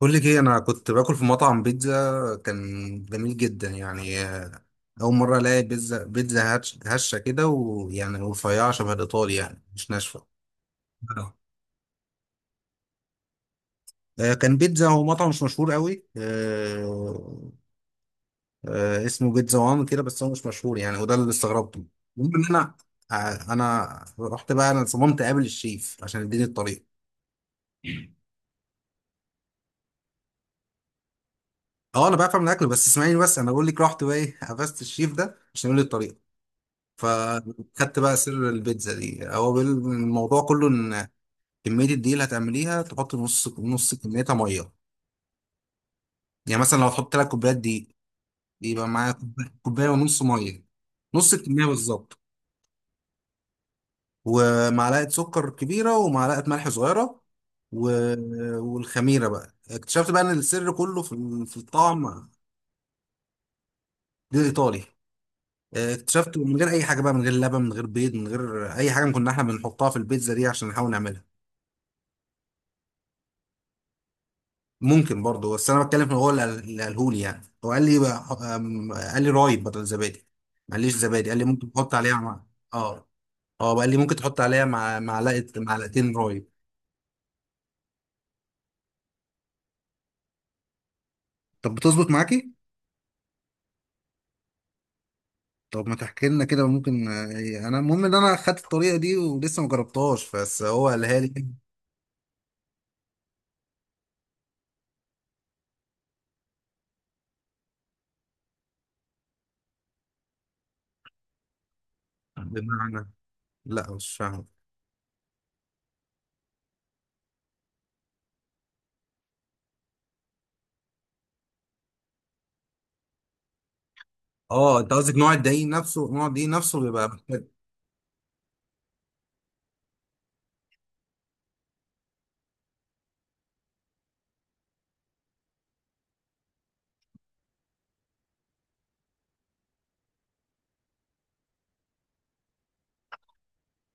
بقول لك ايه، انا كنت باكل في مطعم بيتزا، كان جميل جدا يعني. اول مره الاقي بيتزا بيتزا هشه كده، ويعني رفيعه شبه الايطالي، يعني مش ناشفه. آه. كان بيتزا هو مطعم مش مشهور قوي. اسمه بيتزا وان كده، بس هو مش مشهور يعني، وده اللي استغربته. المهم ان انا رحت بقى، انا صممت اقابل الشيف عشان يديني الطريق. اه، انا بعرف اعمل اكل، بس اسمعيني، بس انا بقول لك، رحت بقى ايه، قفزت الشيف ده عشان يقول لي الطريق. فخدت بقى سر البيتزا دي، هو الموضوع كله ان كميه الدقيق اللي هتعمليها تحط نص نص، كميتها ميه. يعني مثلا لو هتحط 3 كوبايات دقيق، يبقى معايا كوبايه ونص ميه، نص الكميه بالظبط، ومعلقه سكر كبيره ومعلقه ملح صغيره. و... والخميره بقى اكتشفت بقى ان السر كله في الطعم. دي الايطالي. اكتشفت من غير اي حاجه بقى، من غير لبن، من غير بيض، من غير اي حاجه كنا احنا بنحطها في البيتزا دي عشان نحاول نعملها. ممكن برضه، بس انا بتكلم في هو اللي اللي قاله لي، يعني هو قال لي رايب بدل زبادي، ما قاليش زبادي، قال لي ممكن تحط عليها مع. اه. اه، قال لي ممكن تحط عليها مع معلقه معلقتين رايب. طب بتظبط معاكي؟ طب ما تحكي لنا كده، ممكن. آه، انا المهم ان انا خدت الطريقه دي ولسه ما جربتهاش، بس هو قالها لي. بمعنى؟ لا، مش فاهم. اه، انت قصدك نوع الدقيق نفسه، نوع الدقيق نفسه بيبقى.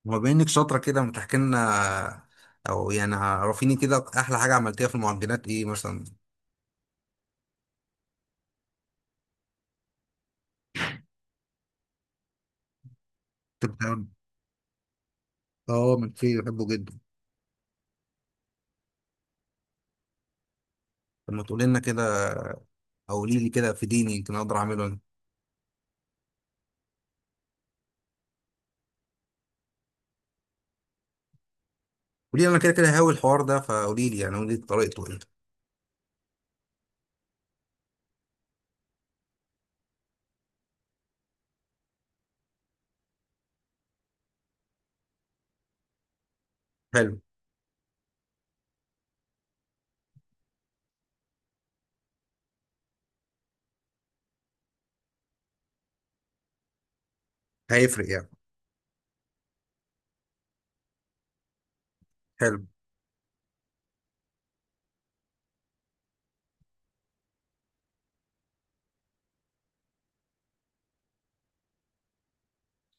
هو بما انك شاطره كده، ما تحكي لنا، او يعني عرفيني كده احلى حاجه عملتيها في المعجنات ايه مثلا. كنت بتعمل- اه، ملفيه بحبه جدا. طب ما تقولي لنا كده، او قولي لي كده في ديني يمكن اقدر اعمله انا. قولي لي انا كده كده، هاوي الحوار ده، فقولي لي يعني قولي لي طريقته ايه. حلو. هيفرق يعني؟ حلو.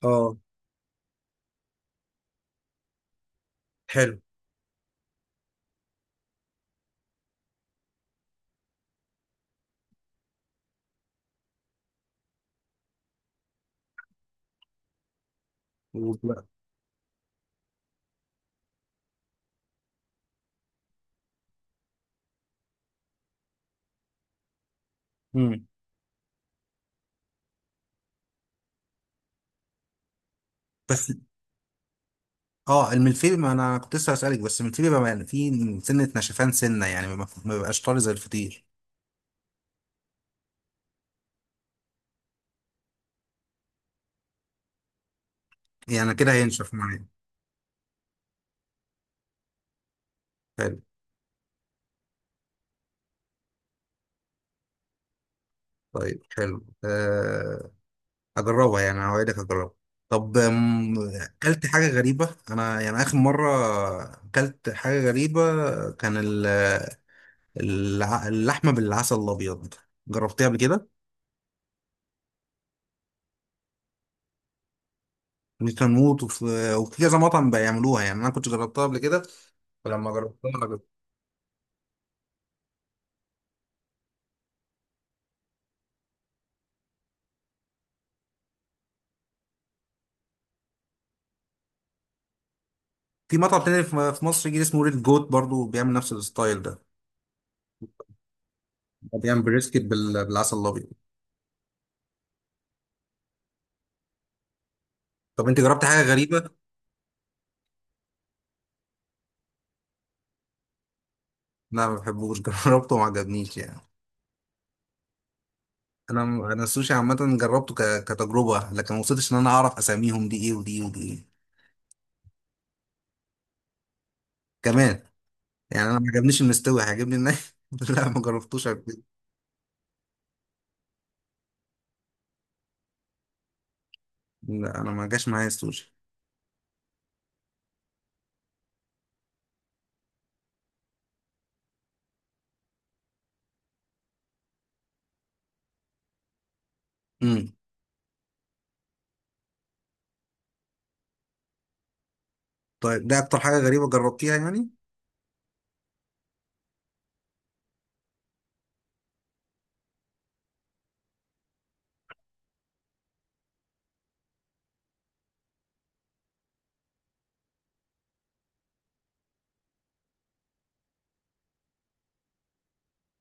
اه. حلو. وب- مم. بس. اه، الملفيه، ما انا كنت لسه هسألك، بس الملفيه بيبقى فيه سنه نشفان سنه يعني ما بيبقاش طري زي الفطير. يعني كده هينشف معايا. حلو. طيب، حلو، أه. هجربها يعني، هوعدك هجربها. طب، اكلت حاجة غريبة انا يعني اخر مرة، اكلت حاجة غريبة. كان ال- اللحمة بالعسل الابيض، جربتها قبل كده، وكنوت، وفي كذا مطعم بيعملوها يعني، انا كنت جربتها قبل كده، فلما جربتها جربت. في مطعم تاني في مصر جديد اسمه ريد جوت برضو، بيعمل نفس الستايل ده، بيعمل بريسكت بالعسل الابيض. طب انت جربت حاجة غريبة؟ لا، ما بحبوش جربته وما عجبنيش يعني. انا انا السوشي عامه جربته كتجربه، لكن ما وصلتش ان انا اعرف اساميهم، دي ايه ودي ايه ودي ايه. كمان يعني، انا ما عجبنيش المستوي، هيعجبني الناي. لا، ما جربتوش قبل كده. لا، انا ما جاش معايا السوشي. امم. طيب، ده اكتر حاجه غريبه جربتيها يعني.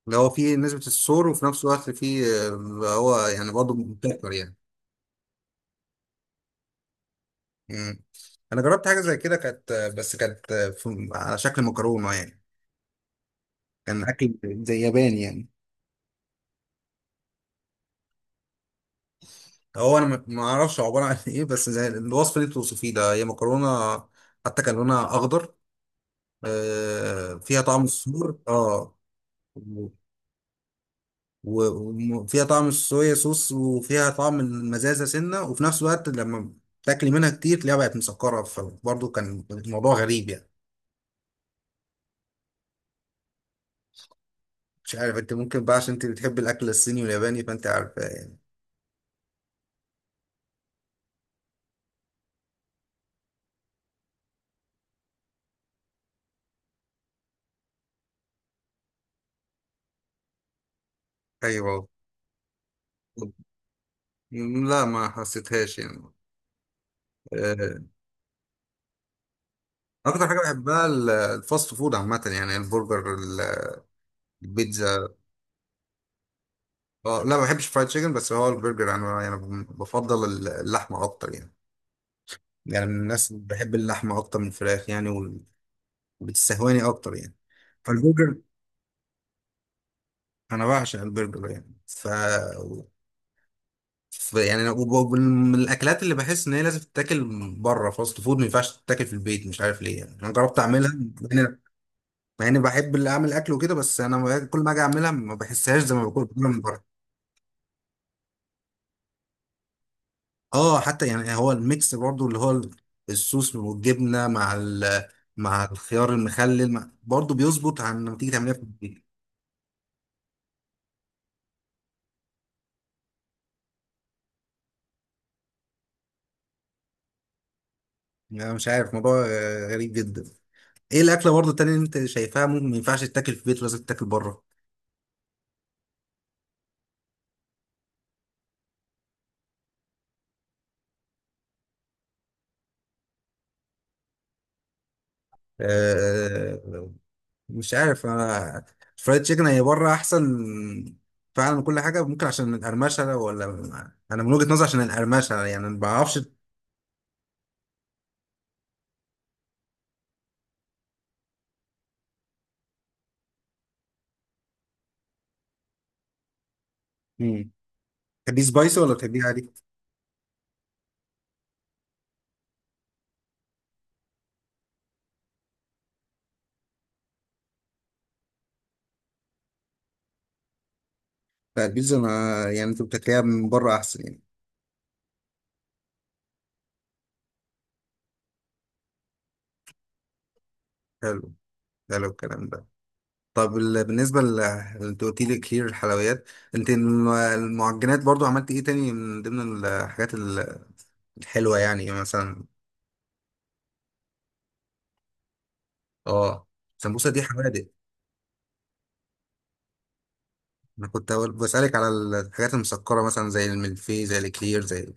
اللي هو فيه نسبه الصور، وفي نفس الوقت فيه، اللي هو يعني برضه مبتكر يعني. امم. انا جربت حاجه زي كده كانت، بس كانت على شكل مكرونه يعني، كان اكل زي ياباني يعني. هو انا ما اعرفش عباره عن ايه، بس زي الوصف اللي انت بتوصفيه ده، هي مكرونه، حتى كان لونها اخضر، فيها طعم الصور، اه، وفيها طعم الصويا صوص، وفيها طعم المزازه سنه، وفي نفس الوقت لما تاكلي منها كتير تلاقيها بقت مسكره، فبرضه كان الموضوع غريب يعني. مش عارف، انت ممكن بقى عشان انت بتحبي الاكل الصيني والياباني، فانت عارفه يعني. ايوه. لا، ما حسيتهاش يعني. آه، اكتر حاجه بحبها الفاست فود عامه، يعني البرجر، البيتزا. اه، لا، ما بحبش فرايد تشيكن، بس هو البرجر يعني، انا يعني بفضل اللحمه اكتر يعني، يعني من الناس اللي بحب اللحمه اكتر من الفراخ يعني، وبتستهواني اكتر يعني. فالبرجر، انا بعشق البرجر يعني، يعني، من الاكلات اللي بحس ان هي لازم تتاكل بره، فاست فود ما ينفعش تتاكل في البيت، مش عارف ليه يعني. انا جربت اعملها، مع اني مع إني بحب اللي اعمل اكل وكده، بس انا كل ما اجي اعملها ما بحسهاش زي ما باكل من بره. اه، حتى يعني هو الميكس برضو، اللي هو الصوص والجبنه مع الخيار المخلل، مع برضو بيظبط عن لما تيجي تعمليها في البيت. يعني انا مش عارف، موضوع، غريب جدا. ايه الاكله برضو التانية اللي انت شايفاها ممكن ما ينفعش تتاكل في البيت، لازم تتاكل بره؟ آه. مش عارف انا، فرايد تشيكن هي بره احسن فعلا من كل حاجه، ممكن عشان القرمشه، ولا انا من وجهه نظري عشان القرمشه يعني، ما بعرفش. مم. تحبيه سبايسي ولا تحبيه عادي؟ لا، البيتزا، ما يعني انت بتاكلها من بره احسن يعني. حلو. حلو الكلام ده. طب، ال- بالنسبه ل انت قلت لي كتير الحلويات، انت المعجنات برضو، عملت ايه تاني من ضمن الحاجات الحلوه يعني، مثلا. اه، سمبوسه دي حوادق، انا كنت بسالك على الحاجات المسكره مثلا، زي الملفي، زي الكلير، زي،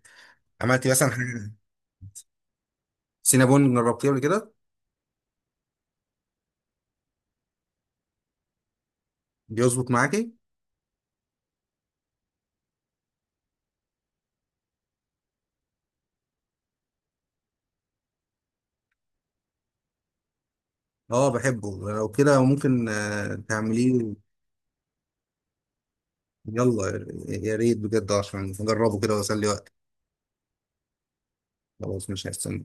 عملتي مثلا حاجه؟ سينابون جربتيه قبل كده؟ بيظبط معاكي؟ اه، بحبه، لو كده ممكن، تعمليه. يلا، يا ريت بجد، عشان نجربه كده واسلي وقت. خلاص مش هستنى.